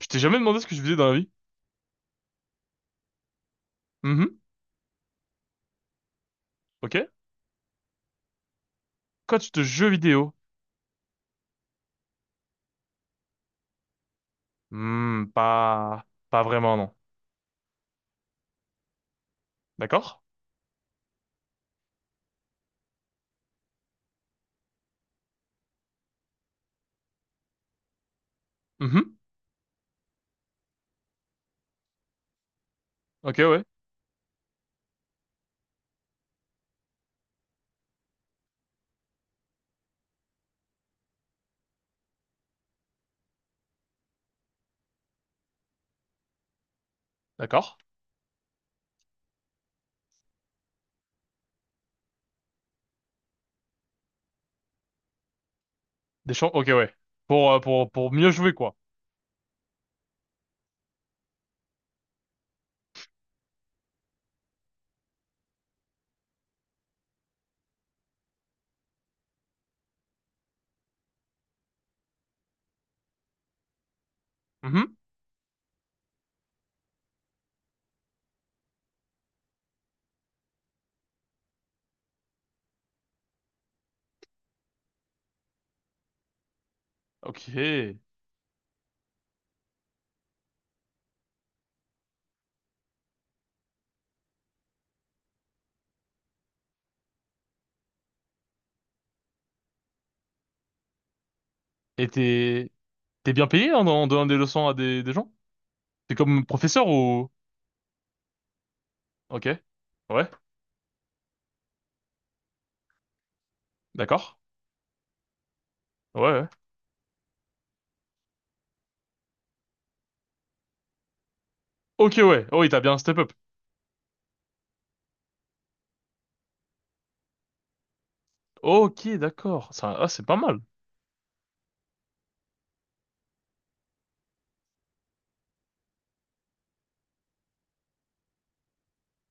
Je t'ai jamais demandé ce que je faisais dans la vie. Mhm. Ok. Coach de jeux vidéo. Hmm, pas vraiment, non. D'accord? Mhm. Ok, ouais. D'accord. Des champs, ok, ouais. Pour mieux jouer, quoi. Mhm. Ok. Et t'es, t'es bien payé en donnant des leçons à des gens? T'es comme professeur ou? Ok. Ouais. D'accord. Ouais, ouais. Ok, ouais. Oh, il t'a bien step up. Ok, d'accord. Ça, ah, c'est pas mal.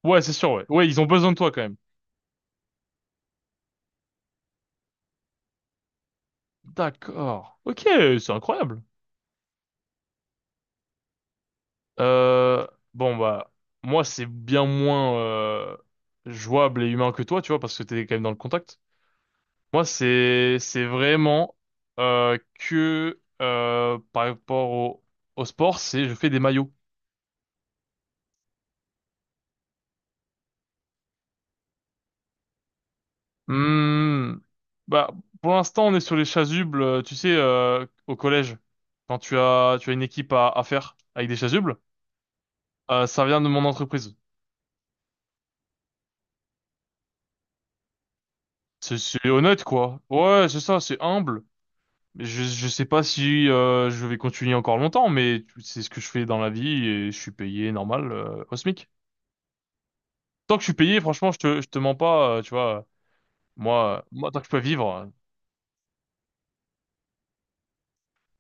Ouais, c'est sûr, ouais. Ouais, ils ont besoin de toi quand même. D'accord. Ok, c'est incroyable. Euh, bon bah moi c'est bien moins jouable et humain que toi, tu vois, parce que t'es quand même dans le contact. Moi c'est vraiment que par rapport au sport, c'est je fais des maillots. Hmm. Bah pour l'instant on est sur les chasubles, tu sais, au collège, quand tu as une équipe à faire avec des chasubles, ça vient de mon entreprise. C'est honnête quoi. Ouais, c'est ça, c'est humble. Je sais pas si je vais continuer encore longtemps, mais c'est ce que je fais dans la vie et je suis payé normal au SMIC. Tant que je suis payé, franchement, je te mens pas, tu vois. Moi, tant que je peux vivre,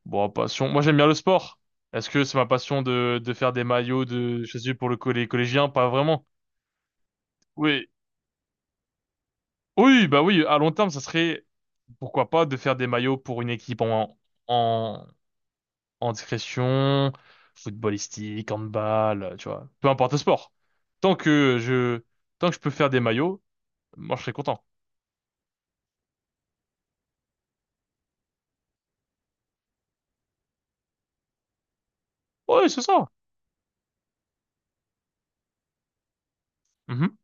bon, passion. Moi, j'aime bien le sport. Est-ce que c'est ma passion de faire des maillots de, je sais, pour les collégiens? Pas vraiment. Oui, oui, bah oui. À long terme, ça serait pourquoi pas de faire des maillots pour une équipe en, en discrétion, footballistique, handball, tu vois, peu importe le sport. Tant que je, tant que je peux faire des maillots, moi je serai content. Ouais, c'est ça. Mhm.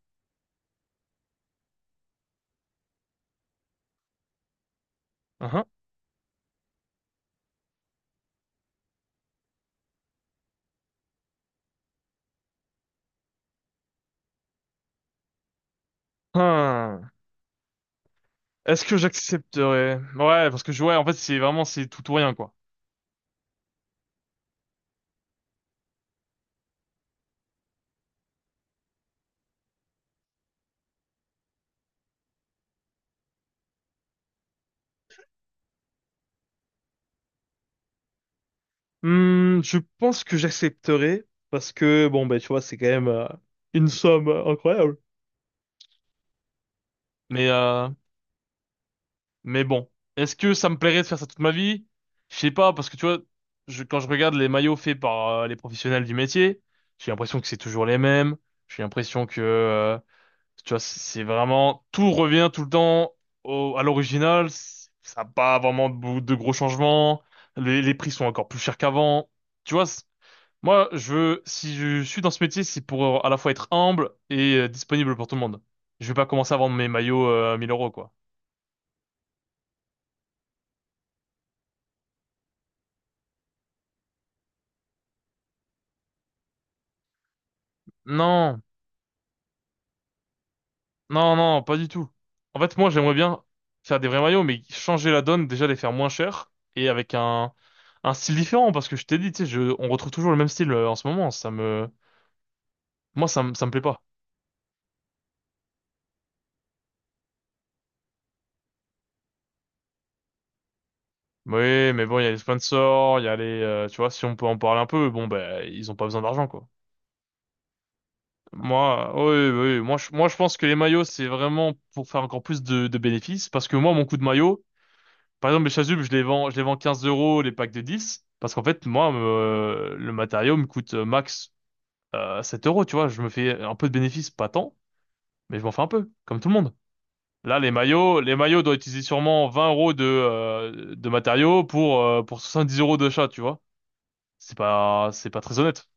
Mhm. Hmm. Est-ce que j'accepterais? Ouais, parce que ouais, en fait, c'est vraiment c'est tout ou rien quoi. Hmm, je pense que j'accepterai parce que bon ben tu vois c'est quand même une somme incroyable. Mais euh, Mais bon, est-ce que ça me plairait de faire ça toute ma vie? Je sais pas, parce que tu vois, quand je regarde les maillots faits par les professionnels du métier, j'ai l'impression que c'est toujours les mêmes. J'ai l'impression que, tu vois, c'est vraiment, tout revient tout le temps à l'original. Ça n'a pas vraiment de gros changements. Les prix sont encore plus chers qu'avant. Tu vois, moi, je veux, si je suis dans ce métier, c'est pour à la fois être humble et disponible pour tout le monde. Je vais pas commencer à vendre mes maillots à 1000 euros, quoi. Non. Non, non, pas du tout. En fait, moi, j'aimerais bien faire des vrais maillots, mais changer la donne, déjà les faire moins chers et avec un style différent, parce que je t'ai dit, tu sais, on retrouve toujours le même style en ce moment. Moi, ça me plaît pas. Oui, mais bon, il y a les sponsors, il y a les, tu vois, si on peut en parler un peu, bon, ben, ils ont pas besoin d'argent, quoi. Moi, oui, oui, oui. Moi, je pense que les maillots, c'est vraiment pour faire encore plus de bénéfices, parce que moi, mon coup de maillot. Par exemple, mes chasubles, je les vends 15 € les packs de 10, parce qu'en fait, moi, le matériau me coûte max 7 euros, tu vois. Je me fais un peu de bénéfice, pas tant, mais je m'en fais un peu, comme tout le monde. Là, les maillots doivent utiliser sûrement 20 € de matériaux pour 10 € de chat, tu vois. C'est pas très honnête.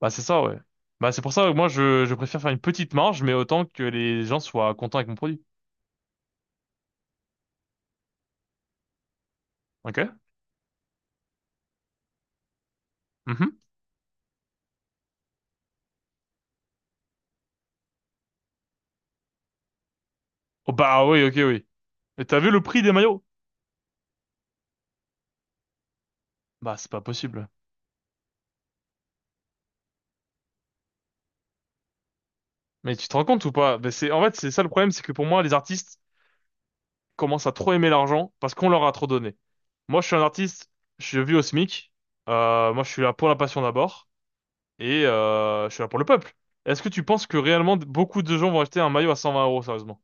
Bah, c'est ça, ouais. Bah, c'est pour ça que moi, je préfère faire une petite marge, mais autant que les gens soient contents avec mon produit. Ok? Mhm. Oh, bah oui, ok, oui. Et t'as vu le prix des maillots? Bah, c'est pas possible. Mais tu te rends compte ou pas? Ben, c'est, en fait, c'est ça le problème, c'est que pour moi, les artistes commencent à trop aimer l'argent parce qu'on leur a trop donné. Moi, je suis un artiste, je vis au SMIC, moi, je suis là pour la passion d'abord, et je suis là pour le peuple. Est-ce que tu penses que réellement beaucoup de gens vont acheter un maillot à 120 euros, sérieusement?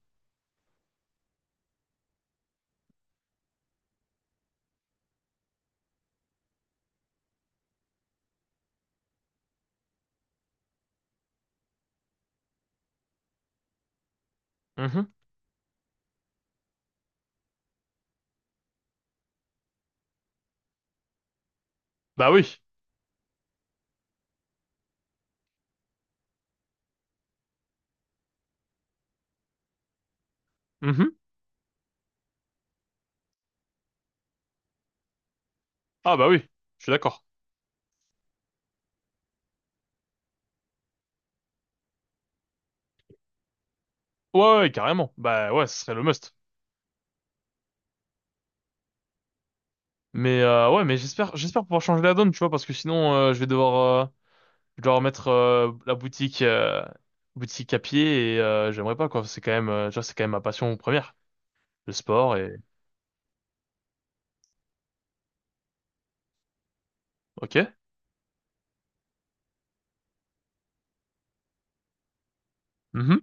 Mhm. Bah oui. Mhm. Ah bah oui, je suis d'accord. Ouais, ouais, carrément. Bah ouais, ce serait le must. Ouais, mais j'espère pouvoir changer la donne, tu vois, parce que sinon, je vais devoir, euh, je dois remettre la boutique à pied et j'aimerais pas quoi. C'est quand même tu vois, c'est quand même ma passion première, le sport et ok. Mhm.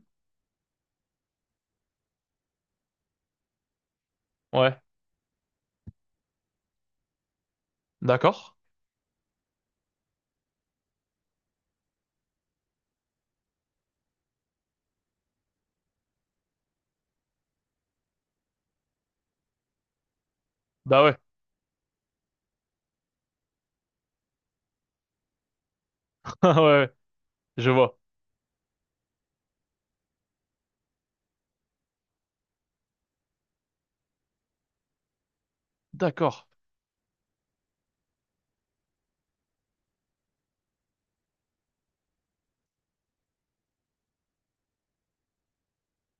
Ouais, d'accord. Bah ouais, ouais, ouais, je vois. D'accord.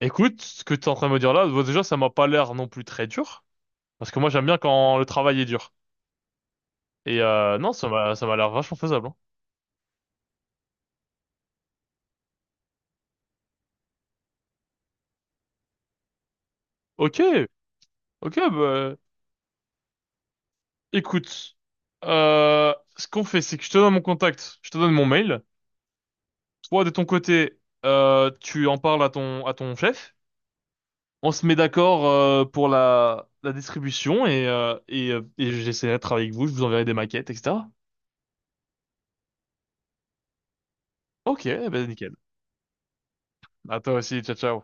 Écoute, ce que tu es en train de me dire là, bon, déjà ça m'a pas l'air non plus très dur parce que moi j'aime bien quand le travail est dur. Et non, ça m'a l'air vachement faisable. Hein. Ok, ok, bah écoute, ce qu'on fait, c'est que je te donne mon contact, je te donne mon mail. Toi, de ton côté, tu en parles à ton, chef. On se met d'accord pour la distribution et j'essaierai de travailler avec vous. Je vous enverrai des maquettes, etc. Ok, ben nickel. À toi aussi, ciao, ciao.